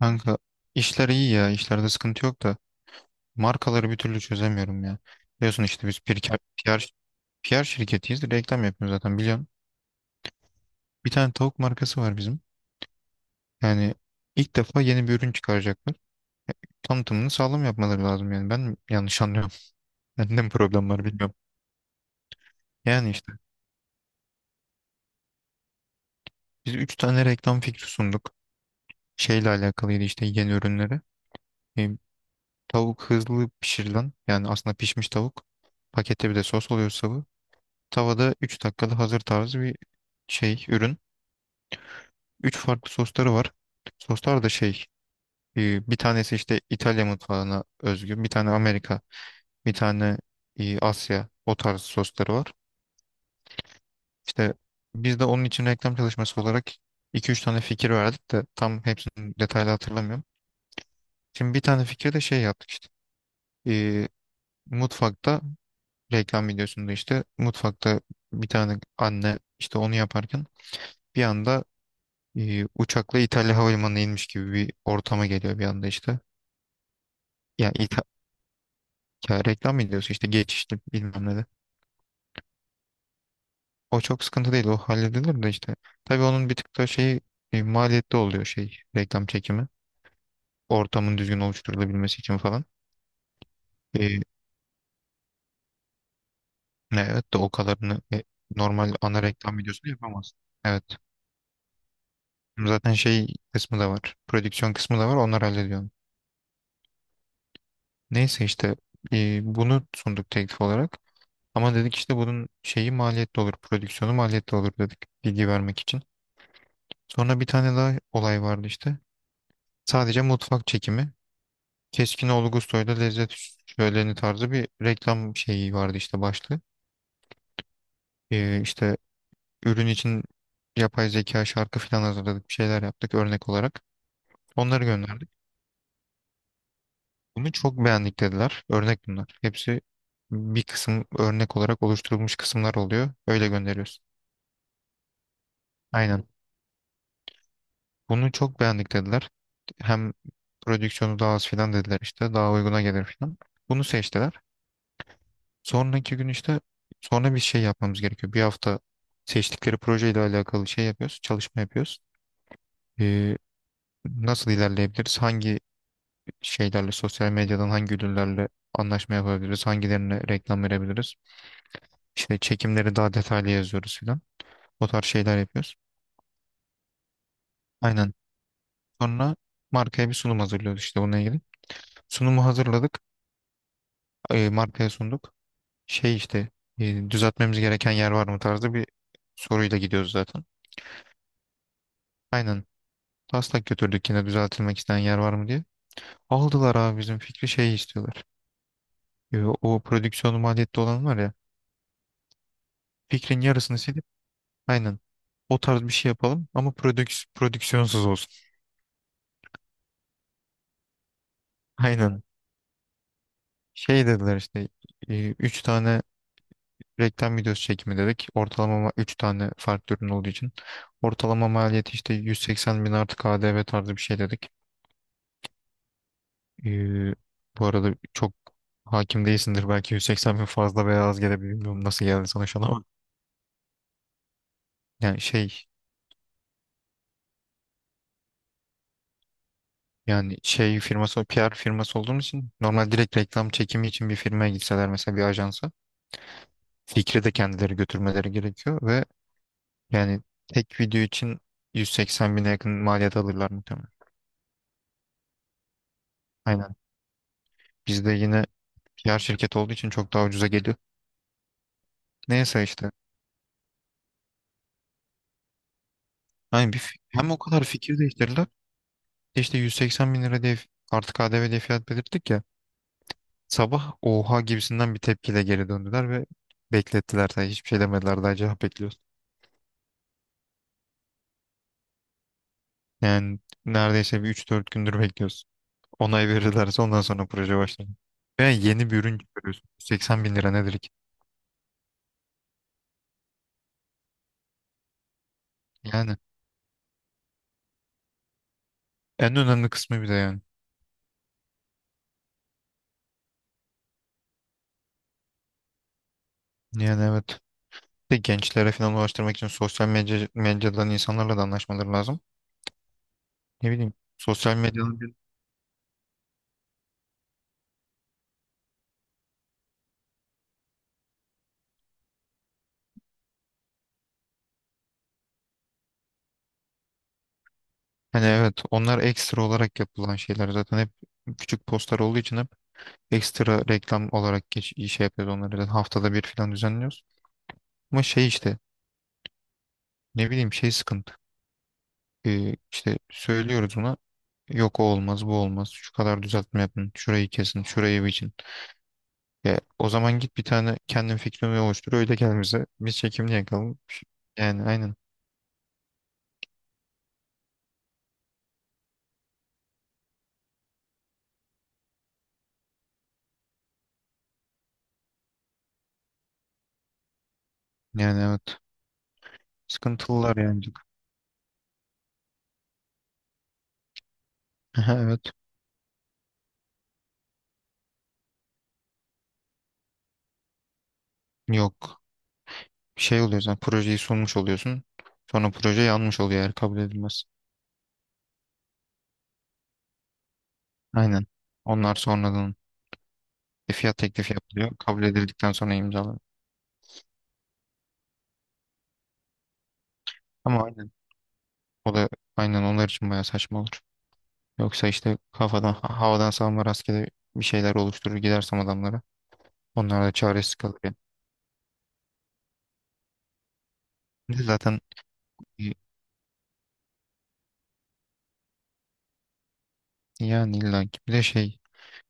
Kanka, işler iyi ya. İşlerde sıkıntı yok da markaları bir türlü çözemiyorum ya. Biliyorsun işte biz PR, PR şirketiyiz. Reklam yapıyoruz zaten biliyorsun. Bir tane tavuk markası var bizim. Yani ilk defa yeni bir ürün çıkaracaklar. Tanıtımını sağlam yapmaları lazım yani. Ben mi yanlış anlıyorum? Bende mi problem var bilmiyorum. Yani işte biz 3 tane reklam fikri sunduk. Şeyle alakalıydı işte yeni ürünleri. E, tavuk hızlı pişirilen yani aslında pişmiş tavuk. Pakette bir de sos oluyor. Tavada 3 dakikada hazır tarzı bir şey, ürün. 3 farklı sosları var. Soslar da şey, bir tanesi işte İtalya mutfağına özgü, bir tane Amerika, bir tane Asya, o tarz sosları var. İşte biz de onun için reklam çalışması olarak iki üç tane fikir verdik de tam hepsini detaylı hatırlamıyorum. Şimdi bir tane fikri de şey yaptık işte. E, mutfakta reklam videosunda işte mutfakta bir tane anne işte onu yaparken bir anda uçakla İtalya Havalimanı'na inmiş gibi bir ortama geliyor bir anda işte. Ya, ya reklam ediyorsun işte geçişli bilmem ne de. O çok sıkıntı değil, o halledilir de işte. Tabii onun bir tık da şeyi maliyetli oluyor şey reklam çekimi. Ortamın düzgün oluşturulabilmesi için falan. E, evet de o kadarını normal ana reklam videosunu yapamazsın. Evet. Zaten şey kısmı da var. Prodüksiyon kısmı da var. Onlar hallediyor onu. Neyse işte bunu sunduk teklif olarak. Ama dedik işte bunun şeyi maliyetli olur, prodüksiyonu maliyetli olur dedik bilgi vermek için. Sonra bir tane daha olay vardı işte. Sadece mutfak çekimi. Keskinoğlu Gustoy'da lezzet şöleni tarzı bir reklam şeyi vardı işte başlığı. İşte ürün için yapay zeka şarkı falan hazırladık, bir şeyler yaptık örnek olarak. Onları gönderdik. Bunu çok beğendik dediler. Örnek bunlar. Hepsi bir kısım örnek olarak oluşturulmuş kısımlar oluyor. Öyle gönderiyoruz. Aynen. Bunu çok beğendik dediler. Hem prodüksiyonu daha az filan dediler işte. Daha uyguna gelir filan. Bunu seçtiler. Sonraki gün işte sonra bir şey yapmamız gerekiyor. Bir hafta seçtikleri projeyle alakalı şey yapıyoruz. Çalışma yapıyoruz. Ee, nasıl ilerleyebiliriz? Hangi şeylerle sosyal medyadan hangi ürünlerle anlaşma yapabiliriz? Hangilerine reklam verebiliriz? İşte çekimleri daha detaylı yazıyoruz filan. O tarz şeyler yapıyoruz. Aynen. Sonra markaya bir sunum hazırlıyoruz işte bununla ilgili. Sunumu hazırladık. Markaya sunduk. Şey işte düzeltmemiz gereken yer var mı tarzı bir soruyla gidiyoruz zaten. Aynen. Taslak götürdük yine düzeltilmek isteyen yer var mı diye. Aldılar abi bizim fikri şey istiyorlar. O prodüksiyonu maliyette olan var ya, fikrin yarısını silip aynen o tarz bir şey yapalım ama prodüksiyonsuz olsun. Aynen. Şey dediler işte üç tane reklam videosu çekimi dedik. Ortalama üç tane farklı ürün olduğu için. Ortalama maliyeti işte 180 bin artı KDV tarzı bir şey dedik. Ee, bu arada çok hakim değilsindir. Belki 180 bin fazla veya az gelebilir. Bilmiyorum nasıl geldi sana şu an ama. Yani şey yani şey firması PR firması olduğum için normal direkt reklam çekimi için bir firmaya gitseler mesela bir ajansa fikri de kendileri götürmeleri gerekiyor ve yani tek video için 180 bine yakın maliyet alırlar muhtemelen. Aynen. Bizde yine PR şirket olduğu için çok daha ucuza geliyor. Neyse işte. Hani hem o kadar fikir değiştirirler. İşte 180 bin lira diye artık KDV diye fiyat belirttik ya. Sabah oha gibisinden bir tepkiyle geri döndüler ve beklettiler. Yani hiçbir şey demediler, daha cevap bekliyoruz. Yani neredeyse bir üç dört gündür bekliyoruz. Onay verirlerse ondan sonra proje başlar. Ve yeni bir ürün çıkarıyorsun. 80 bin lira nedir ki? Yani en önemli kısmı bir de yani. Yani evet. Bir de gençlere falan ulaştırmak için sosyal medyadan insanlarla da anlaşmaları lazım. Ne bileyim. Sosyal medyanın bir- hani evet, onlar ekstra olarak yapılan şeyler zaten hep küçük postlar olduğu için hep ekstra reklam olarak şey yapıyoruz, onları da haftada bir falan düzenliyoruz. Ama şey işte ne bileyim şey sıkıntı. İşte söylüyoruz ona, yok o olmaz bu olmaz şu kadar düzeltme yapın şurayı kesin şurayı biçin. Ya, o zaman git bir tane kendin fikrini oluştur öyle gel bize, biz çekimini yakalım. Yani aynen, yani evet, sıkıntılılar yani. Aha, evet. Yok, şey oluyor, sen projeyi sunmuş oluyorsun, sonra proje yanmış oluyor eğer kabul edilmez. Aynen, onlar sonradan fiyat teklifi yapılıyor. Kabul edildikten sonra imzalanıyor. Ama aynen, o da aynen onlar için bayağı saçma olur. Yoksa işte kafadan havadan savurma rastgele bir şeyler oluşturur gidersem adamlara. Onlar da çaresiz kalır yani. Bir de zaten e, yani illa ki bir de şey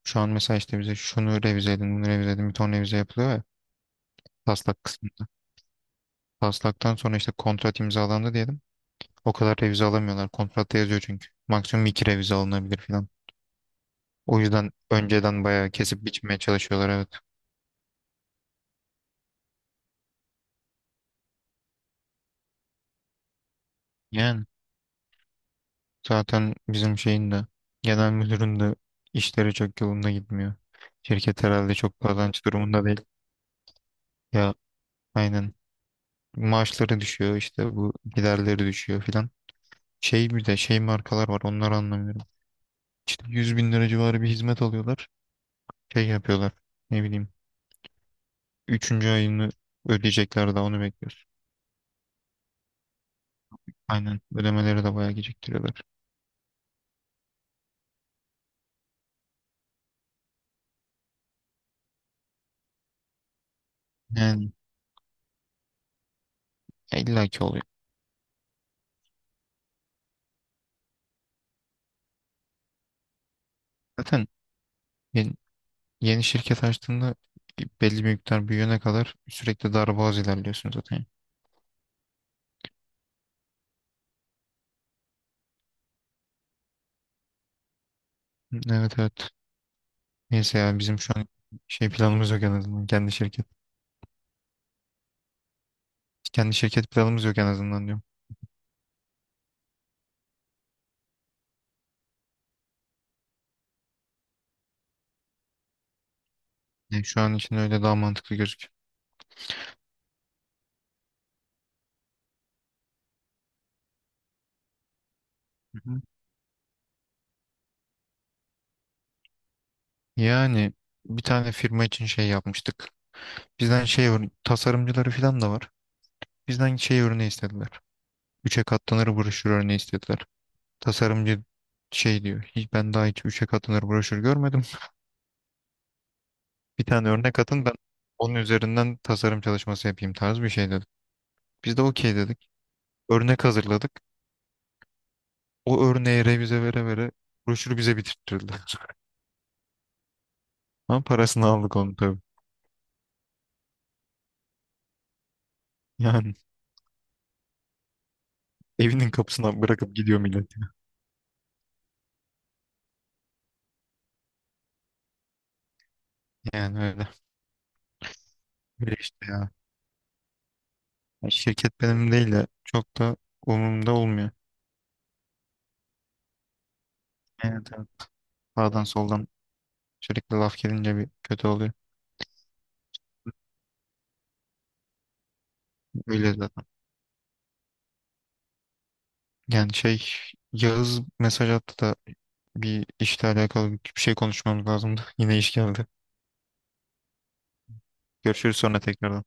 şu an mesela işte bize şunu revize edin bunu revize edin bir ton revize yapılıyor ya taslak kısmında. Taslaktan sonra işte kontrat imzalandı diyelim. O kadar revize alamıyorlar. Kontratta yazıyor çünkü. Maksimum iki revize alınabilir falan. O yüzden önceden bayağı kesip biçmeye çalışıyorlar, evet. Yani. Zaten bizim şeyin de genel müdürün de işleri çok yolunda gitmiyor. Şirket herhalde çok kazanç durumunda değil. Ya, aynen. Maaşları düşüyor işte, bu giderleri düşüyor filan. Şey bir de şey markalar var, onları anlamıyorum. İşte 100 bin lira civarı bir hizmet alıyorlar. Şey yapıyorlar ne bileyim. Üçüncü ayını ödeyecekler daha, onu bekliyoruz. Aynen, ödemeleri de bayağı geciktiriyorlar. Yani, ya illa ki oluyor. Zaten ya, yeni şirket açtığında belli bir miktar büyüyene kadar sürekli darboğaz ilerliyorsun zaten. Evet, evet. Neyse ya, bizim şu an şey planımız yok en azından. Kendi şirket. Kendi şirket planımız yok en azından diyorum. Yani şu an için öyle daha mantıklı gözüküyor. Hı hı. Yani bir tane firma için şey yapmıştık. Bizden şey tasarımcıları falan da var. Bizden şey örneği istediler. Üçe katlanır broşür örneği istediler. Tasarımcı şey diyor, hiç, ben daha hiç üçe katlanır broşür görmedim. Bir tane örnek atın, ben onun üzerinden tasarım çalışması yapayım tarzı bir şey dedik. Biz de okey dedik. Örnek hazırladık. O örneği revize vere vere broşürü bize bitirttirdiler. Ama parasını aldık onu tabii. Yani evinin kapısına bırakıp gidiyor millet. Yani öyle. Öyle işte ya. Yani şirket benim değil de çok da umurumda olmuyor. Evet, evet. Sağdan soldan sürekli laf gelince bir kötü oluyor. Öyle zaten. Yani şey, Yağız mesaj attı da bir işle alakalı bir şey konuşmamız lazımdı. Yine iş geldi. Görüşürüz sonra tekrardan.